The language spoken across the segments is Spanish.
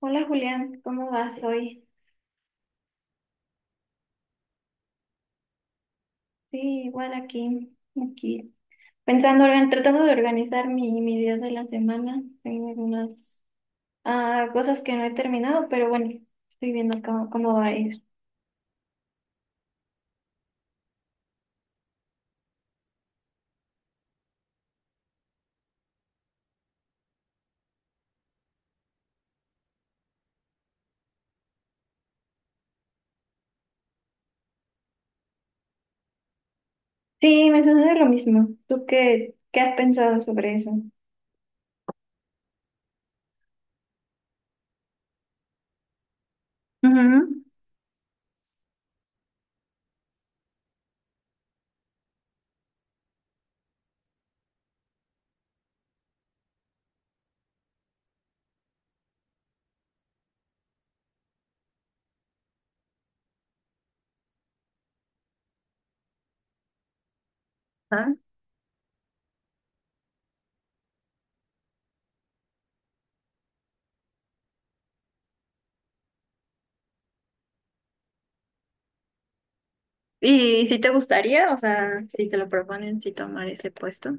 Hola Julián, ¿cómo vas hoy? Sí, igual aquí, aquí. Pensando, tratando de organizar mi día de la semana. Tengo algunas cosas que no he terminado, pero bueno, estoy viendo cómo va a ir. Sí, me sucede lo mismo. ¿Tú qué has pensado sobre eso? Ujú. Ah. Y si te gustaría, o sea, si te lo proponen, si tomar ese puesto.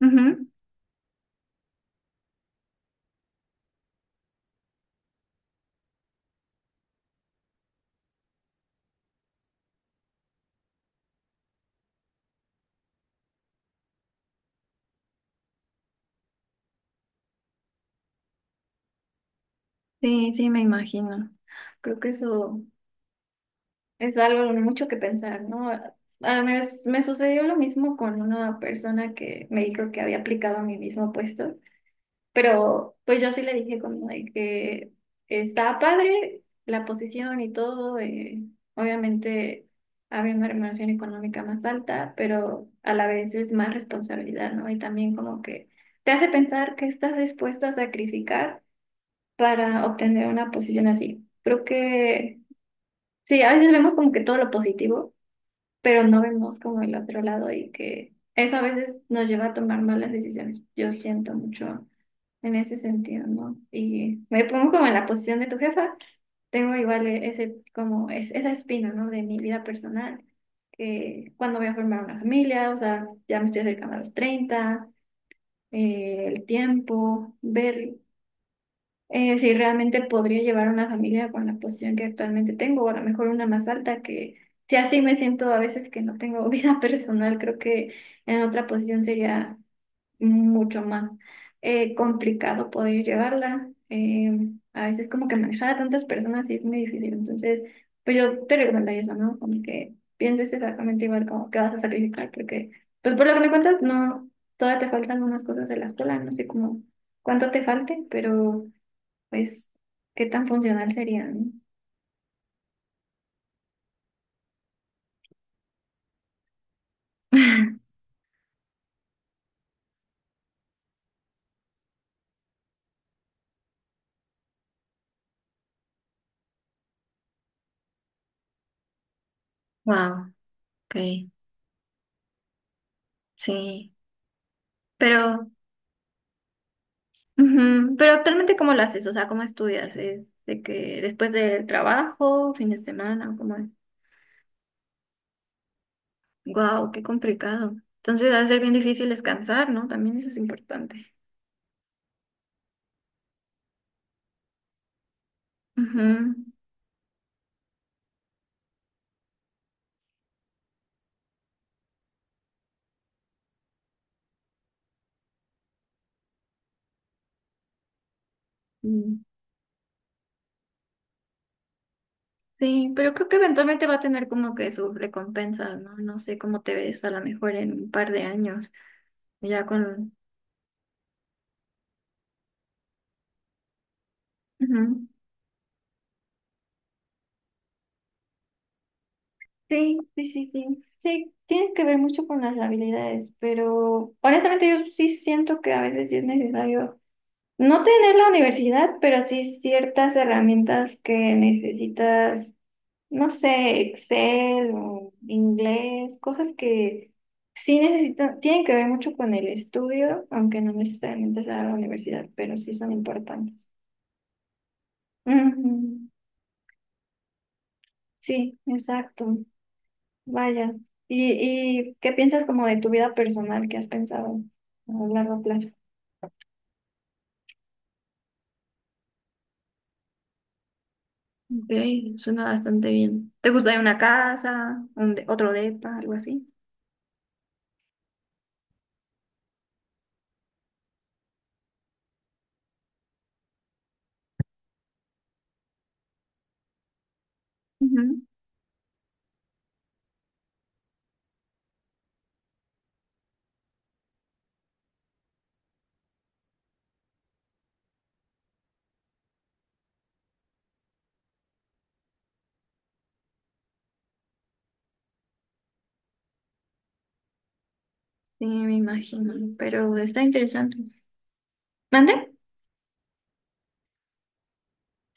Ujú. Sí, sí, me imagino. Creo que eso. Es algo mucho que pensar, ¿no? Me sucedió lo mismo con una persona que me dijo que había aplicado a mi mismo puesto, pero pues yo sí le dije como de que estaba padre la posición y todo, obviamente había una remuneración económica más alta, pero a la vez es más responsabilidad, ¿no? Y también como que te hace pensar que estás dispuesto a sacrificar para obtener una posición así. Creo que sí, a veces vemos como que todo lo positivo, pero no vemos como el otro lado y que eso a veces nos lleva a tomar malas decisiones. Yo siento mucho en ese sentido, ¿no? Y me pongo como en la posición de tu jefa, tengo igual ese, como es, esa espina, ¿no? De mi vida personal, que cuando voy a formar una familia, o sea, ya me estoy acercando a los 30, el tiempo, ver si realmente podría llevar una familia con la posición que actualmente tengo, o a lo mejor una más alta, que si así me siento a veces que no tengo vida personal, creo que en otra posición sería mucho más complicado poder llevarla. A veces como que manejar a tantas personas sí es muy difícil, entonces pues yo te recomendaría eso, ¿no? Como que pienses exactamente igual como que vas a sacrificar, porque pues por lo que me cuentas, no, todavía te faltan unas cosas de la escuela, no sé cómo cuánto te falte, pero pues, ¿qué tan funcional sería, no? Wow. Ok, sí. Pero, ujú. Pero actualmente, ¿cómo lo haces? O sea, ¿cómo estudias? ¿Es de que después del trabajo, fin de semana, cómo es? Wow, qué complicado. Entonces, va a ser bien difícil descansar, ¿no? También eso es importante. Ujú. Mm. Sí, pero creo que eventualmente va a tener como que su recompensa, ¿no? No sé cómo te ves a lo mejor en un par de años, ya con... Ujú. Sí, sí, sí, sí. Sí, tiene que ver mucho con las habilidades, pero honestamente yo sí siento que a veces sí es necesario no tener la universidad, pero sí ciertas herramientas que necesitas, no sé, Excel o inglés, cosas que sí necesitan, tienen que ver mucho con el estudio, aunque no necesariamente sea la universidad, pero sí son importantes. Ujú. Sí, exacto. Vaya. ¿Y qué piensas como de tu vida personal? ¿Qué has pensado a largo plazo? Ok, suena bastante bien. ¿Te gustaría una casa, otro depa, algo así? Ujú. Sí, me imagino, pero está interesante. ¿Mande?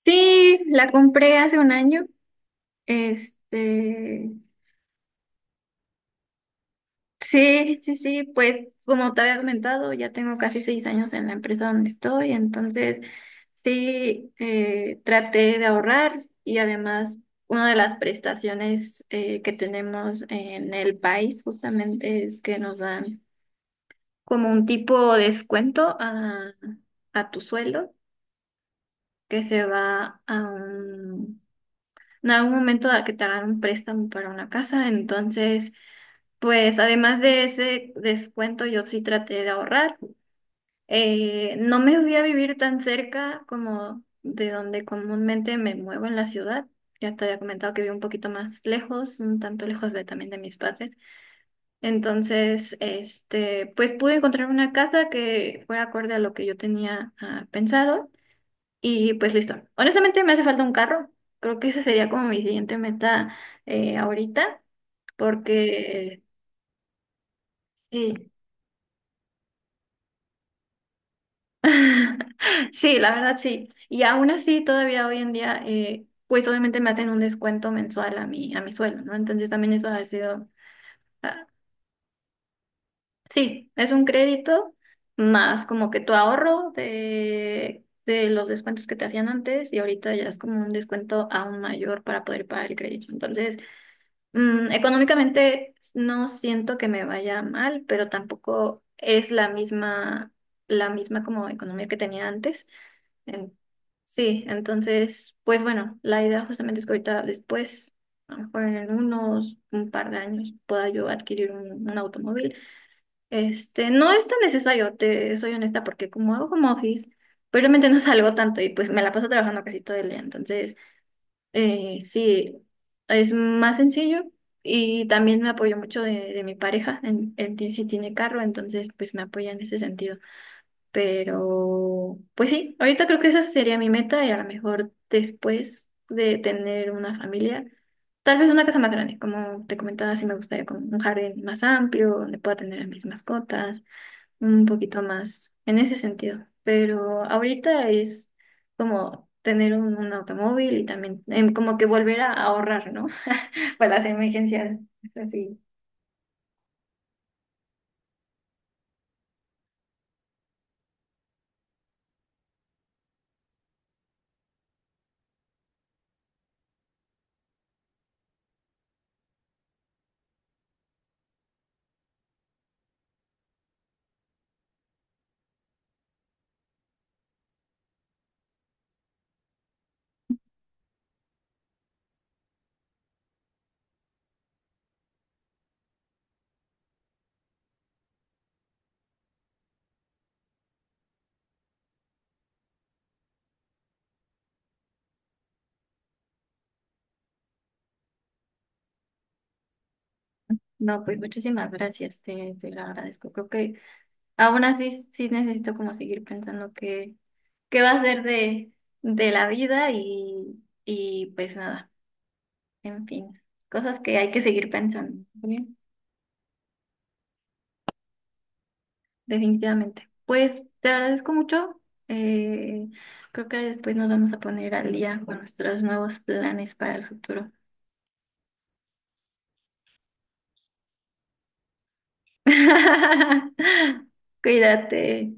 Sí, la compré hace un año. Este, sí, sí, sí, pues como te había comentado, ya tengo casi 6 años en la empresa donde estoy, entonces sí, traté de ahorrar y además una de las prestaciones que tenemos en el país justamente es que nos dan como un tipo de descuento a tu sueldo que se va a un en algún momento a que te hagan un préstamo para una casa. Entonces, pues además de ese descuento, yo sí traté de ahorrar. No me voy a vivir tan cerca como de donde comúnmente me muevo en la ciudad. Ya te había comentado que vivo un poquito más lejos, un tanto lejos también de mis padres. Entonces, este, pues pude encontrar una casa que fuera acorde a lo que yo tenía pensado. Y pues listo. Honestamente me hace falta un carro. Creo que esa sería como mi siguiente meta ahorita, porque sí. Sí, la verdad sí. Y aún así, todavía hoy en día, pues obviamente me hacen un descuento mensual a mi sueldo, ¿no? Entonces también eso ha sido, ah, sí, es un crédito más como que tu ahorro de los descuentos que te hacían antes y ahorita ya es como un descuento aún mayor para poder pagar el crédito. Entonces... Económicamente no siento que me vaya mal, pero tampoco es la misma como economía que tenía antes. En- sí, entonces, pues bueno, la idea justamente es que ahorita después, a lo mejor en unos un par de años, pueda yo adquirir un automóvil. Este, no es tan necesario, te soy honesta, porque como hago home office, pues realmente no salgo tanto y pues me la paso trabajando casi todo el día. Entonces, sí, es más sencillo y también me apoyo mucho de mi pareja. En ti sí tiene carro, entonces pues me apoya en ese sentido. Pero pues sí, ahorita creo que esa sería mi meta y a lo mejor después de tener una familia, tal vez una casa más grande, como te comentaba, sí me gustaría con un jardín más amplio donde pueda tener a mis mascotas un poquito más en ese sentido. Pero ahorita es como tener un automóvil y también como que volver a ahorrar, ¿no? Para las emergencias. Así. No, pues muchísimas gracias, te lo agradezco. Creo que aún así sí necesito como seguir pensando qué va a ser de la vida y pues nada, en fin, cosas que hay que seguir pensando. ¿Vale? Definitivamente. Pues te agradezco mucho. Eh, Creo que después nos vamos a poner al día con nuestros nuevos planes para el futuro. Cuídate.